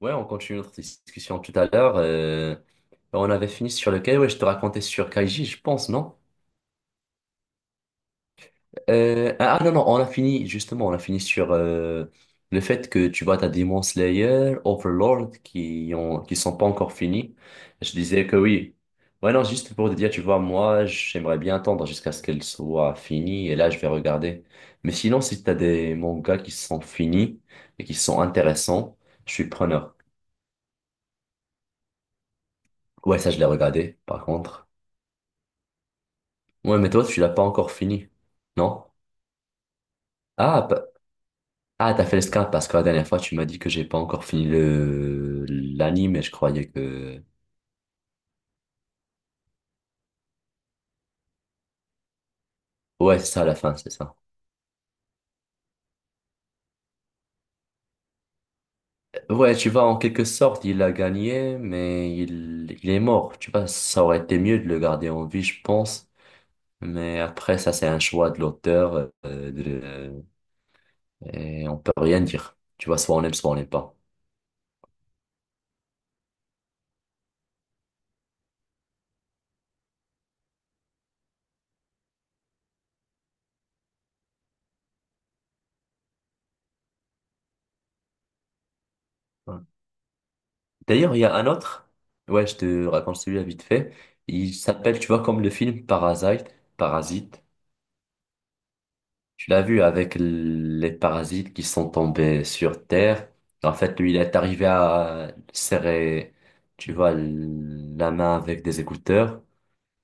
Ouais, on continue notre discussion tout à l'heure. On avait fini sur lequel? Ouais, je te racontais sur Kaiji, je pense, non? Non, non, on a fini, justement, on a fini sur le fait que tu vois, t'as Demon Slayer, Overlord qui sont pas encore finis. Je disais que oui. Ouais, non, juste pour te dire, tu vois, moi, j'aimerais bien attendre jusqu'à ce qu'elle soit finie et là, je vais regarder. Mais sinon, si t'as des mangas qui sont finis et qui sont intéressants, je suis preneur. Ouais, ça, je l'ai regardé, par contre. Ouais, mais toi, tu l'as pas encore fini, non? Ah, pa- ah, t'as fait le scap parce que la dernière fois, tu m'as dit que j'ai pas encore fini le l'anime et je croyais que... Ouais, c'est ça, la fin, c'est ça. Ouais, tu vois, en quelque sorte, il a gagné, mais il est mort. Tu vois, ça aurait été mieux de le garder en vie, je pense. Mais après, ça, c'est un choix de l'auteur, et on peut rien dire. Tu vois, soit on aime, soit on n'aime pas. Ouais. D'ailleurs, il y a un autre. Ouais, je te raconte celui-là vite fait. Il s'appelle, tu vois, comme le film Parasite. Parasite. Tu l'as vu avec les parasites qui sont tombés sur Terre. En fait, lui, il est arrivé à serrer, tu vois, la main avec des écouteurs.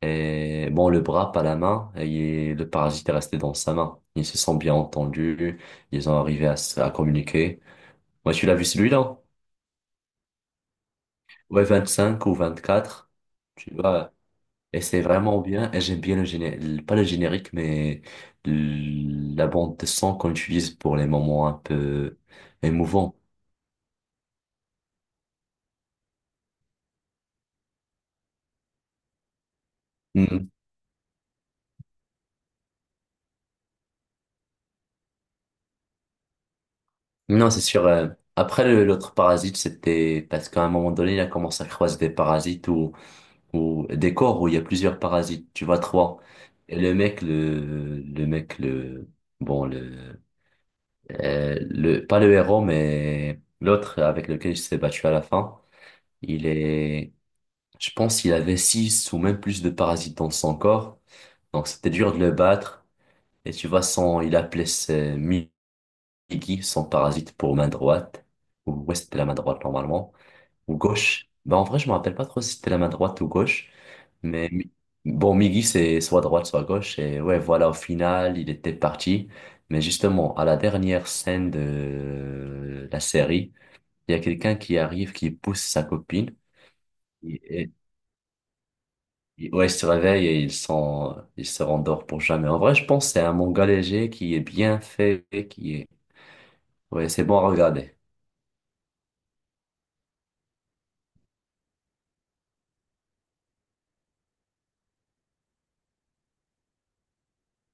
Et bon, le bras, pas la main, et le parasite est resté dans sa main. Ils se sont bien entendus, ils ont arrivé à, à communiquer. Moi, tu l'as vu celui-là? Ouais, 25 ou 24 tu vois. Et c'est vraiment bien, et j'aime bien le générique, pas le générique, mais la bande de son qu'on utilise pour les moments un peu émouvants. Mhm. Non, c'est sûr. Après, l'autre parasite, c'était parce qu'à un moment donné, il a commencé à croiser des parasites ou des corps où il y a plusieurs parasites, tu vois, trois. Et le mec, le, bon, le, pas le héros, mais l'autre avec lequel il s'est battu à la fin, il est, je pense qu'il avait 6 ou même plus de parasites dans son corps. Donc c'était dur de le battre. Et tu vois, il appelait ses Migi, son parasite pour main droite, ou ouais, c'était la main droite normalement. Ou gauche. Bah, en vrai, je me rappelle pas trop si c'était la main droite ou gauche. Mais Mi- Miggy, c'est soit droite, soit gauche. Et ouais, voilà, au final, il était parti. Mais justement, à la dernière scène de la série, il y a quelqu'un qui arrive, qui pousse sa copine. Et, et- ouais, il se réveille et il se rendort pour jamais. En vrai, je pense que c'est un manga léger qui est bien fait, qui est, ouais, c'est bon à regarder.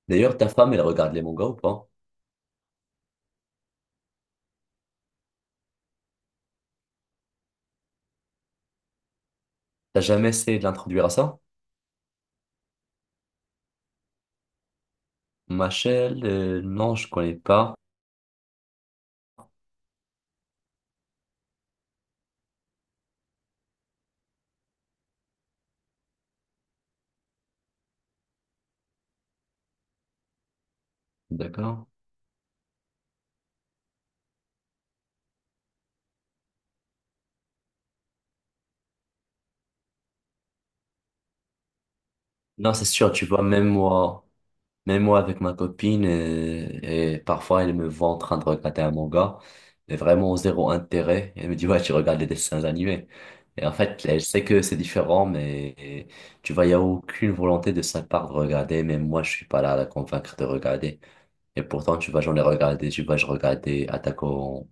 D'ailleurs, ta femme, elle regarde les mangas ou pas? T'as jamais essayé de l'introduire à ça? Machel, non, je connais pas. D'accord. Non, c'est sûr, tu vois, même moi avec ma copine, et parfois elle me voit en train de regarder un manga, mais vraiment zéro intérêt. Elle me dit, ouais, tu regardes des dessins animés. Et en fait, elle sait que c'est différent, mais euh, tu vois, il n'y a aucune volonté de sa part de regarder, même moi, je suis pas là à la convaincre de regarder. Et pourtant, tu vois, j'en ai regardé, tu vois, je regardais Attaque au-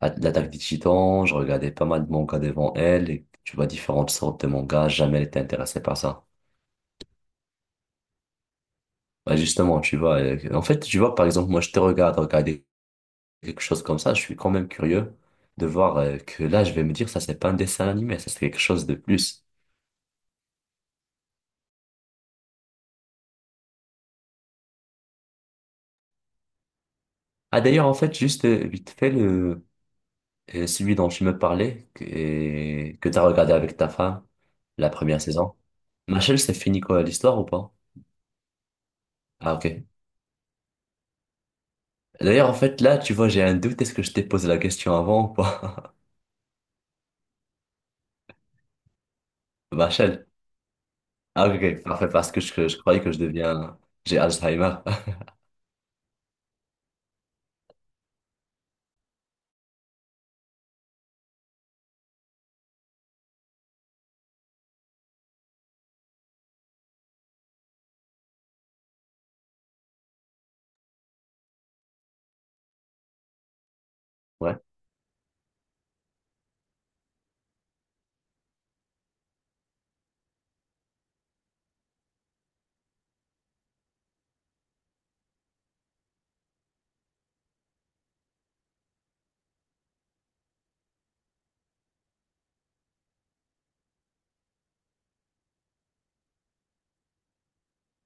At- L'attaque des Titans, je regardais pas mal de mangas devant elle, et tu vois, différentes sortes de mangas, jamais elle était intéressée par ça. Bah, justement, tu vois, tu vois, par exemple, moi, je te regarde regarder quelque chose comme ça, je suis quand même curieux de voir que là, je vais me dire, ça, c'est pas un dessin animé, ça, c'est quelque chose de plus. Ah, d'ailleurs, en fait, juste vite fait, celui dont tu me parlais, et que t'as regardé avec ta femme, la première saison. Machel, c'est fini quoi, l'histoire ou pas? Ah, ok. D'ailleurs, en fait, là, tu vois, j'ai un doute. Est-ce que je t'ai posé la question avant ou pas? Vachel. Ah, ok, ok. Parfait, parce que je croyais que je deviens... J'ai Alzheimer. Ouais.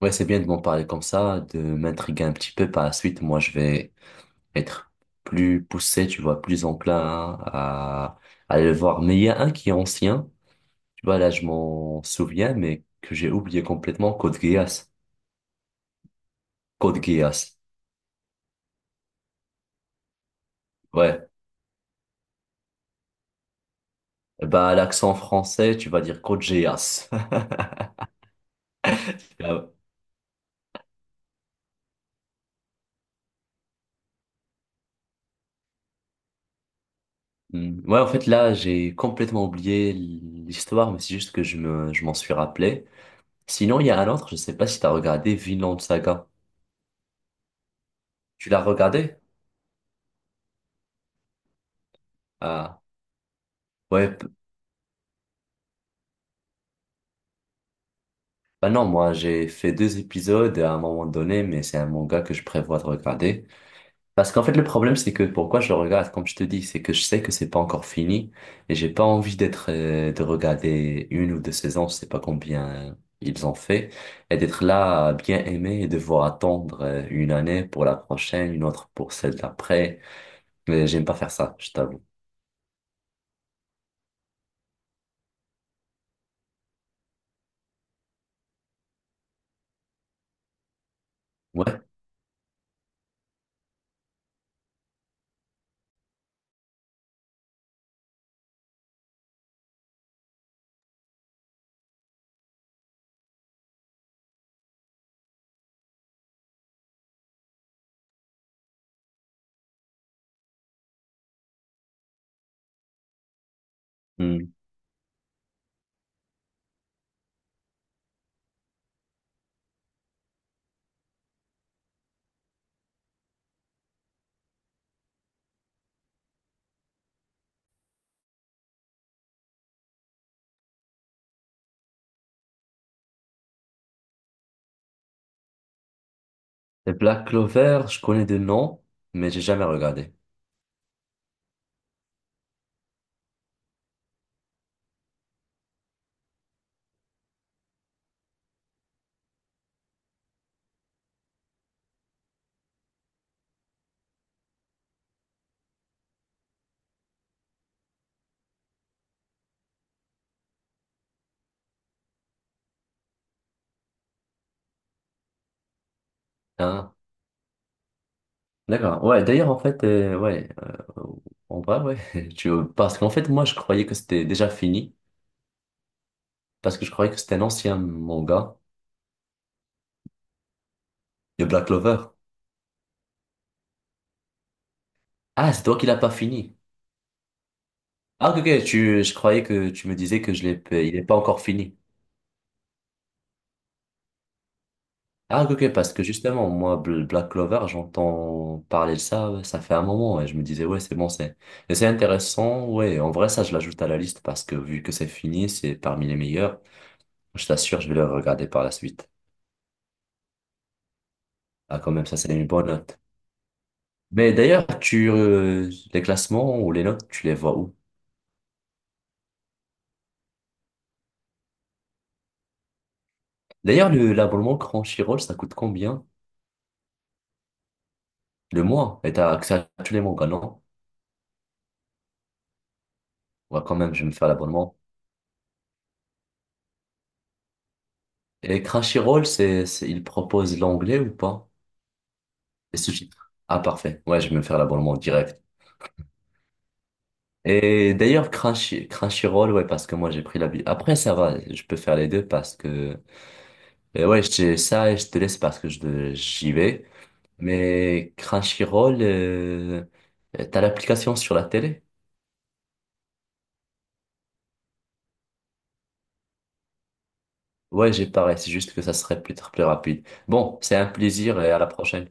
Ouais, c'est bien de m'en parler comme ça, de m'intriguer un petit peu. Par la suite, moi, je vais être plus poussé, tu vois, plus enclin hein, à aller le voir. Mais il y a un qui est ancien. Tu vois, là, je m'en souviens, mais que j'ai oublié complètement. Code Geass. Code Geass. Ouais. Bah, l'accent français, tu vas dire Code Geass. Hmm. Ouais, en fait, là, j'ai complètement oublié l'histoire, mais c'est juste que je m'en suis rappelé. Sinon, il y a un autre, je sais pas si t'as regardé Vinland Saga. Tu l'as regardé? Ah, ouais. p- Bah non, moi, j'ai fait 2 épisodes à un moment donné, mais c'est un manga que je prévois de regarder. Parce qu'en fait, le problème, c'est que pourquoi je le regarde, comme je te dis, c'est que je sais que c'est pas encore fini et j'ai pas envie d'être, de regarder une ou deux saisons, je sais pas combien ils ont fait, et d'être là à bien aimer et devoir attendre une année pour la prochaine, une autre pour celle d'après. Mais j'aime pas faire ça, je t'avoue. Ouais. Hmm. Et Black Clover, je connais des noms, mais j'ai jamais regardé. Ah, d'accord. Ouais, d'ailleurs, en fait, ouais, en vrai, ouais, parce qu'en fait, moi, je croyais que c'était déjà fini. Parce que je croyais que c'était un ancien manga de Black Clover. Ah, c'est toi qui l'as pas fini. Ah, ok, ok, je croyais que tu me disais que je l'ai, pas- il n'est pas encore fini. Ah, ok, ok, parce que justement, moi, Black Clover, j'entends parler de ça, ouais, ça fait un moment, et je me disais, ouais, et c'est intéressant, ouais, en vrai, ça, je l'ajoute à la liste parce que vu que c'est fini, c'est parmi les meilleurs. Je t'assure, je vais le regarder par la suite. Ah, quand même, ça, c'est une bonne note. Mais d'ailleurs, les classements ou les notes, tu les vois où? D'ailleurs, l'abonnement Crunchyroll, ça coûte combien? Le mois, et t'as accès à tous les mangas, non? Ouais, quand même, je vais me faire l'abonnement. Et Crunchyroll, il propose l'anglais ou pas? Les sous-titres. Ah, parfait. Ouais, je vais me faire l'abonnement direct. Et d'ailleurs, Crunchyroll, ouais, parce que moi, j'ai pris la bi- après, ça va, je peux faire les deux parce que, ça, et je te laisse parce que j'y vais. Mais Crunchyroll, t'as l'application sur la télé? Ouais, j'ai pareil, c'est juste que ça serait peut-être plus rapide. Bon, c'est un plaisir et à la prochaine.